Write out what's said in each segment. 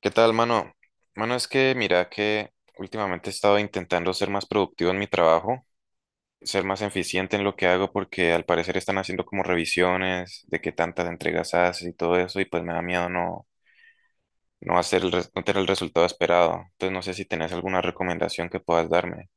¿Qué tal, mano? Mano, es que mira que últimamente he estado intentando ser más productivo en mi trabajo, ser más eficiente en lo que hago porque al parecer están haciendo como revisiones de qué tantas entregas haces y todo eso y pues me da miedo no hacer no tener el resultado esperado. Entonces no sé si tenés alguna recomendación que puedas darme.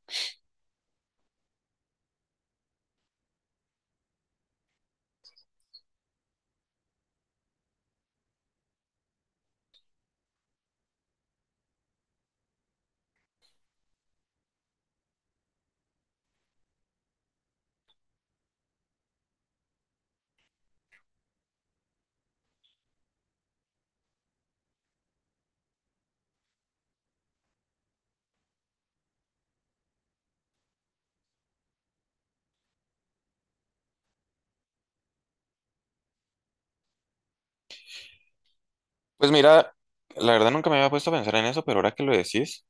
Pues mira, la verdad nunca me había puesto a pensar en eso, pero ahora que lo decís,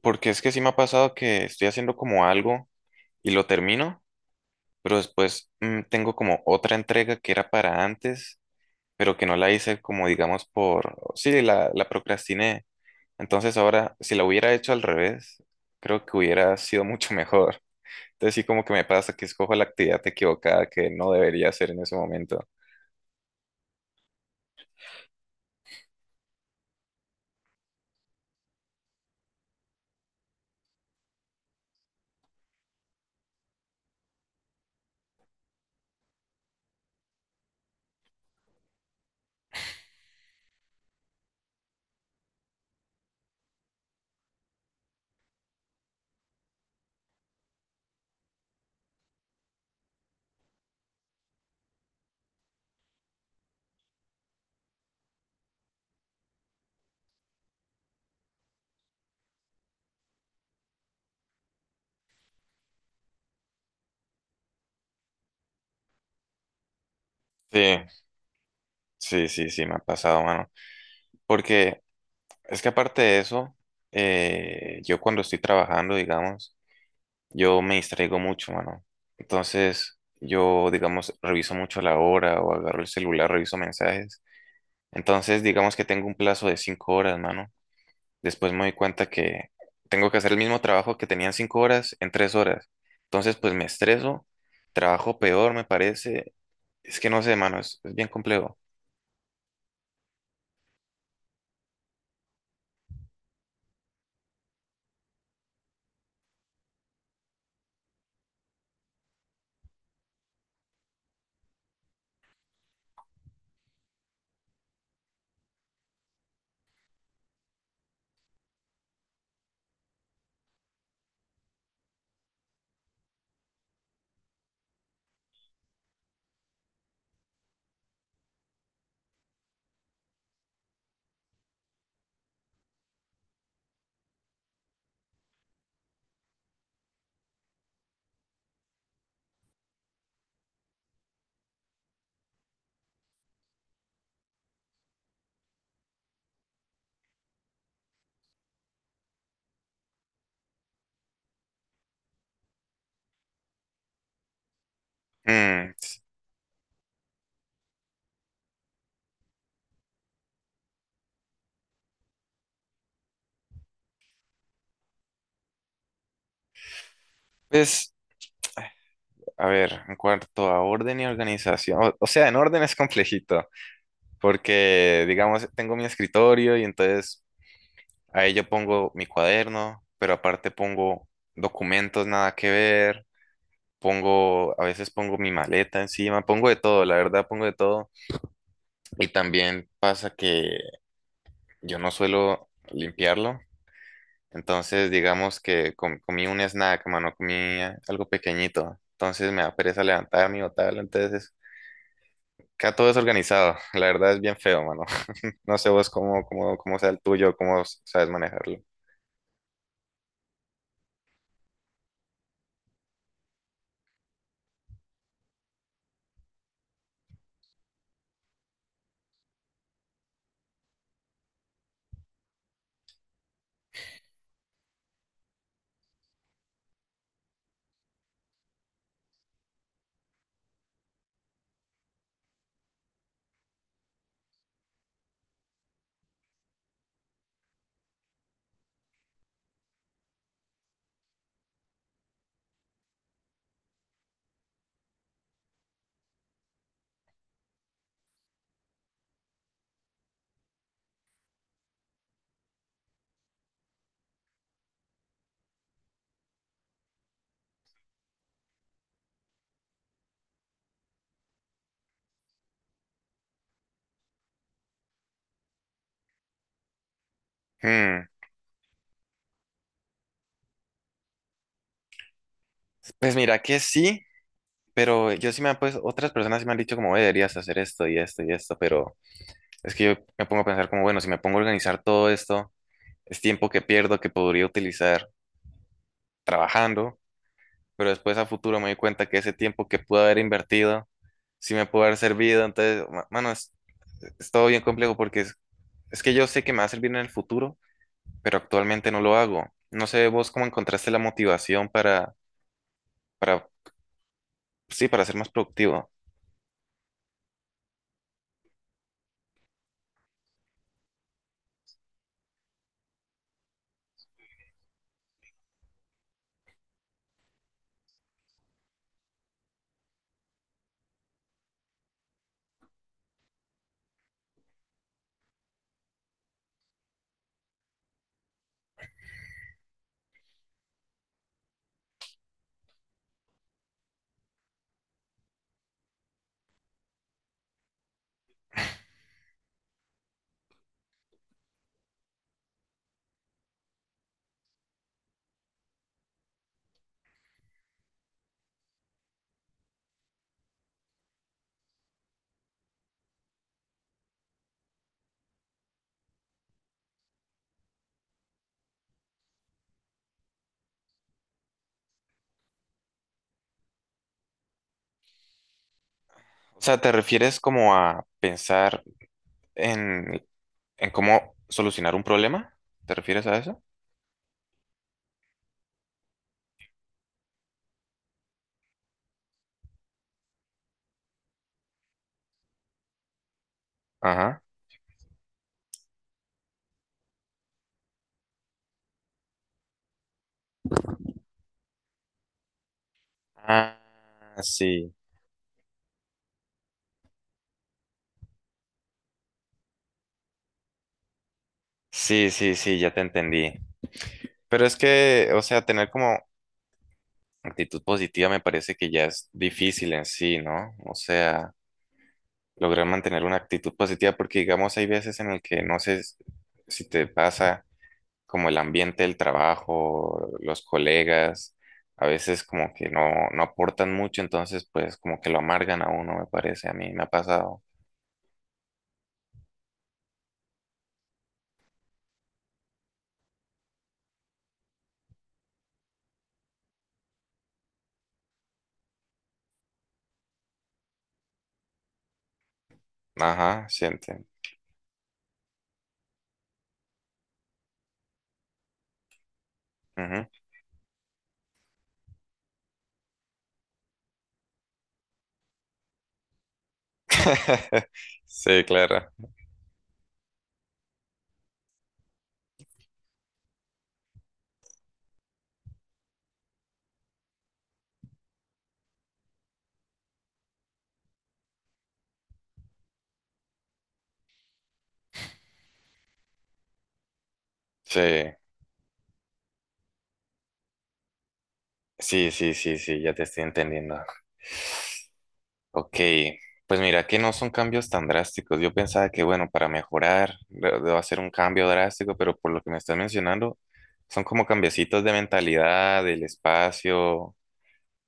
porque es que sí me ha pasado que estoy haciendo como algo y lo termino, pero después tengo como otra entrega que era para antes pero que no la hice como digamos la procrastiné. Entonces ahora, si la hubiera hecho al revés, creo que hubiera sido mucho mejor. Entonces sí como que me pasa que escojo la actividad equivocada que no debería hacer en ese momento. Sí, sí, sí, sí, me ha pasado, mano. Porque es que aparte de eso, yo cuando estoy trabajando, digamos, yo me distraigo mucho, mano. Entonces yo, digamos, reviso mucho la hora o agarro el celular, reviso mensajes. Entonces, digamos que tengo un plazo de 5 horas, mano. Después me doy cuenta que tengo que hacer el mismo trabajo que tenía en 5 horas en 3 horas. Entonces, pues me estreso, trabajo peor, me parece. Es que no sé, mano, es bien complejo. Mm, pues, a ver, en cuanto a orden y organización, o sea, en orden es complejito, porque, digamos, tengo mi escritorio y entonces ahí yo pongo mi cuaderno, pero aparte pongo documentos nada que ver pongo, a veces pongo mi maleta encima, pongo de todo, la verdad pongo de todo. Y también pasa que yo no suelo limpiarlo. Entonces, digamos que comí un snack, mano, comí algo pequeñito. Entonces me da pereza levantarme o tal. Entonces, queda todo desorganizado. La verdad es bien feo, mano. No sé vos cómo sea el tuyo, cómo sabes manejarlo. Hmm, pues mira que sí, pero yo sí me han pues otras personas sí me han dicho como "Oye, deberías hacer esto y esto y esto, pero es que yo me pongo a pensar como, bueno, si me pongo a organizar todo esto, es tiempo que pierdo que podría utilizar trabajando, pero después a futuro me doy cuenta que ese tiempo que pude haber invertido, sí me pudo haber servido. Entonces, mano, es todo bien complejo porque es que yo sé que me va a servir en el futuro, pero actualmente no lo hago. No sé vos cómo encontraste la motivación para, sí, para ser más productivo. O sea, ¿te refieres como a pensar en, en cómo solucionar un problema? ¿Te refieres a eso? Ajá. Ah, sí, sí, sí, sí, ya te entendí. Pero es que, o sea, tener como actitud positiva me parece que ya es difícil en sí, ¿no? O sea, lograr mantener una actitud positiva porque, digamos, hay veces en el que si te pasa como el ambiente del trabajo, los colegas, a veces como que no aportan mucho, entonces pues como que lo amargan a uno, me parece, a mí me ha pasado. Ajá, siente. Ujú. Sí, claro. Sí. Sí, sí, sí, sí, ya te estoy entendiendo. Ok, pues mira que no son cambios tan drásticos. Yo pensaba que, bueno, para mejorar debo hacer un cambio drástico, pero por lo que me estás mencionando, son como cambiecitos de mentalidad, del espacio. O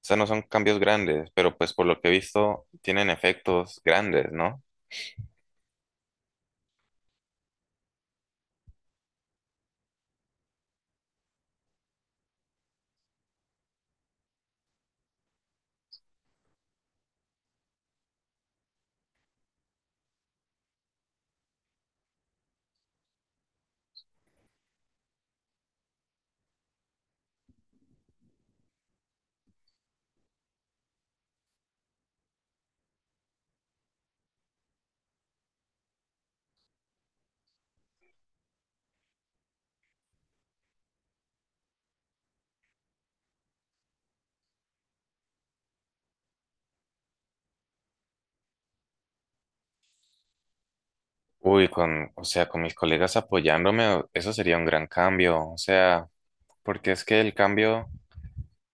sea, no son cambios grandes, pero pues por lo que he visto, tienen efectos grandes, ¿no? Uy, con, o sea, con mis colegas apoyándome, o- eso sería un gran cambio. O sea, porque es que el cambio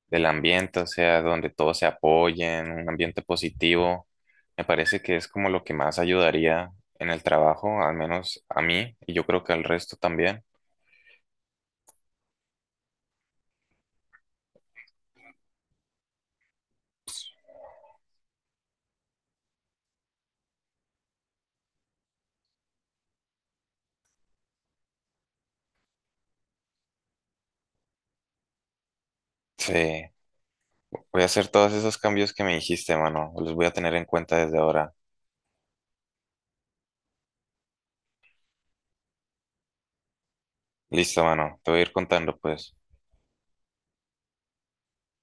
del ambiente, o sea, donde todos se apoyen, un ambiente positivo. Me parece que es como lo que más ayudaría en el trabajo, al menos a mí, y yo creo que al resto también. Sí, voy a hacer todos esos cambios que me dijiste, mano. Los voy a tener en cuenta desde ahora. Listo, mano. Te voy a ir contando, pues.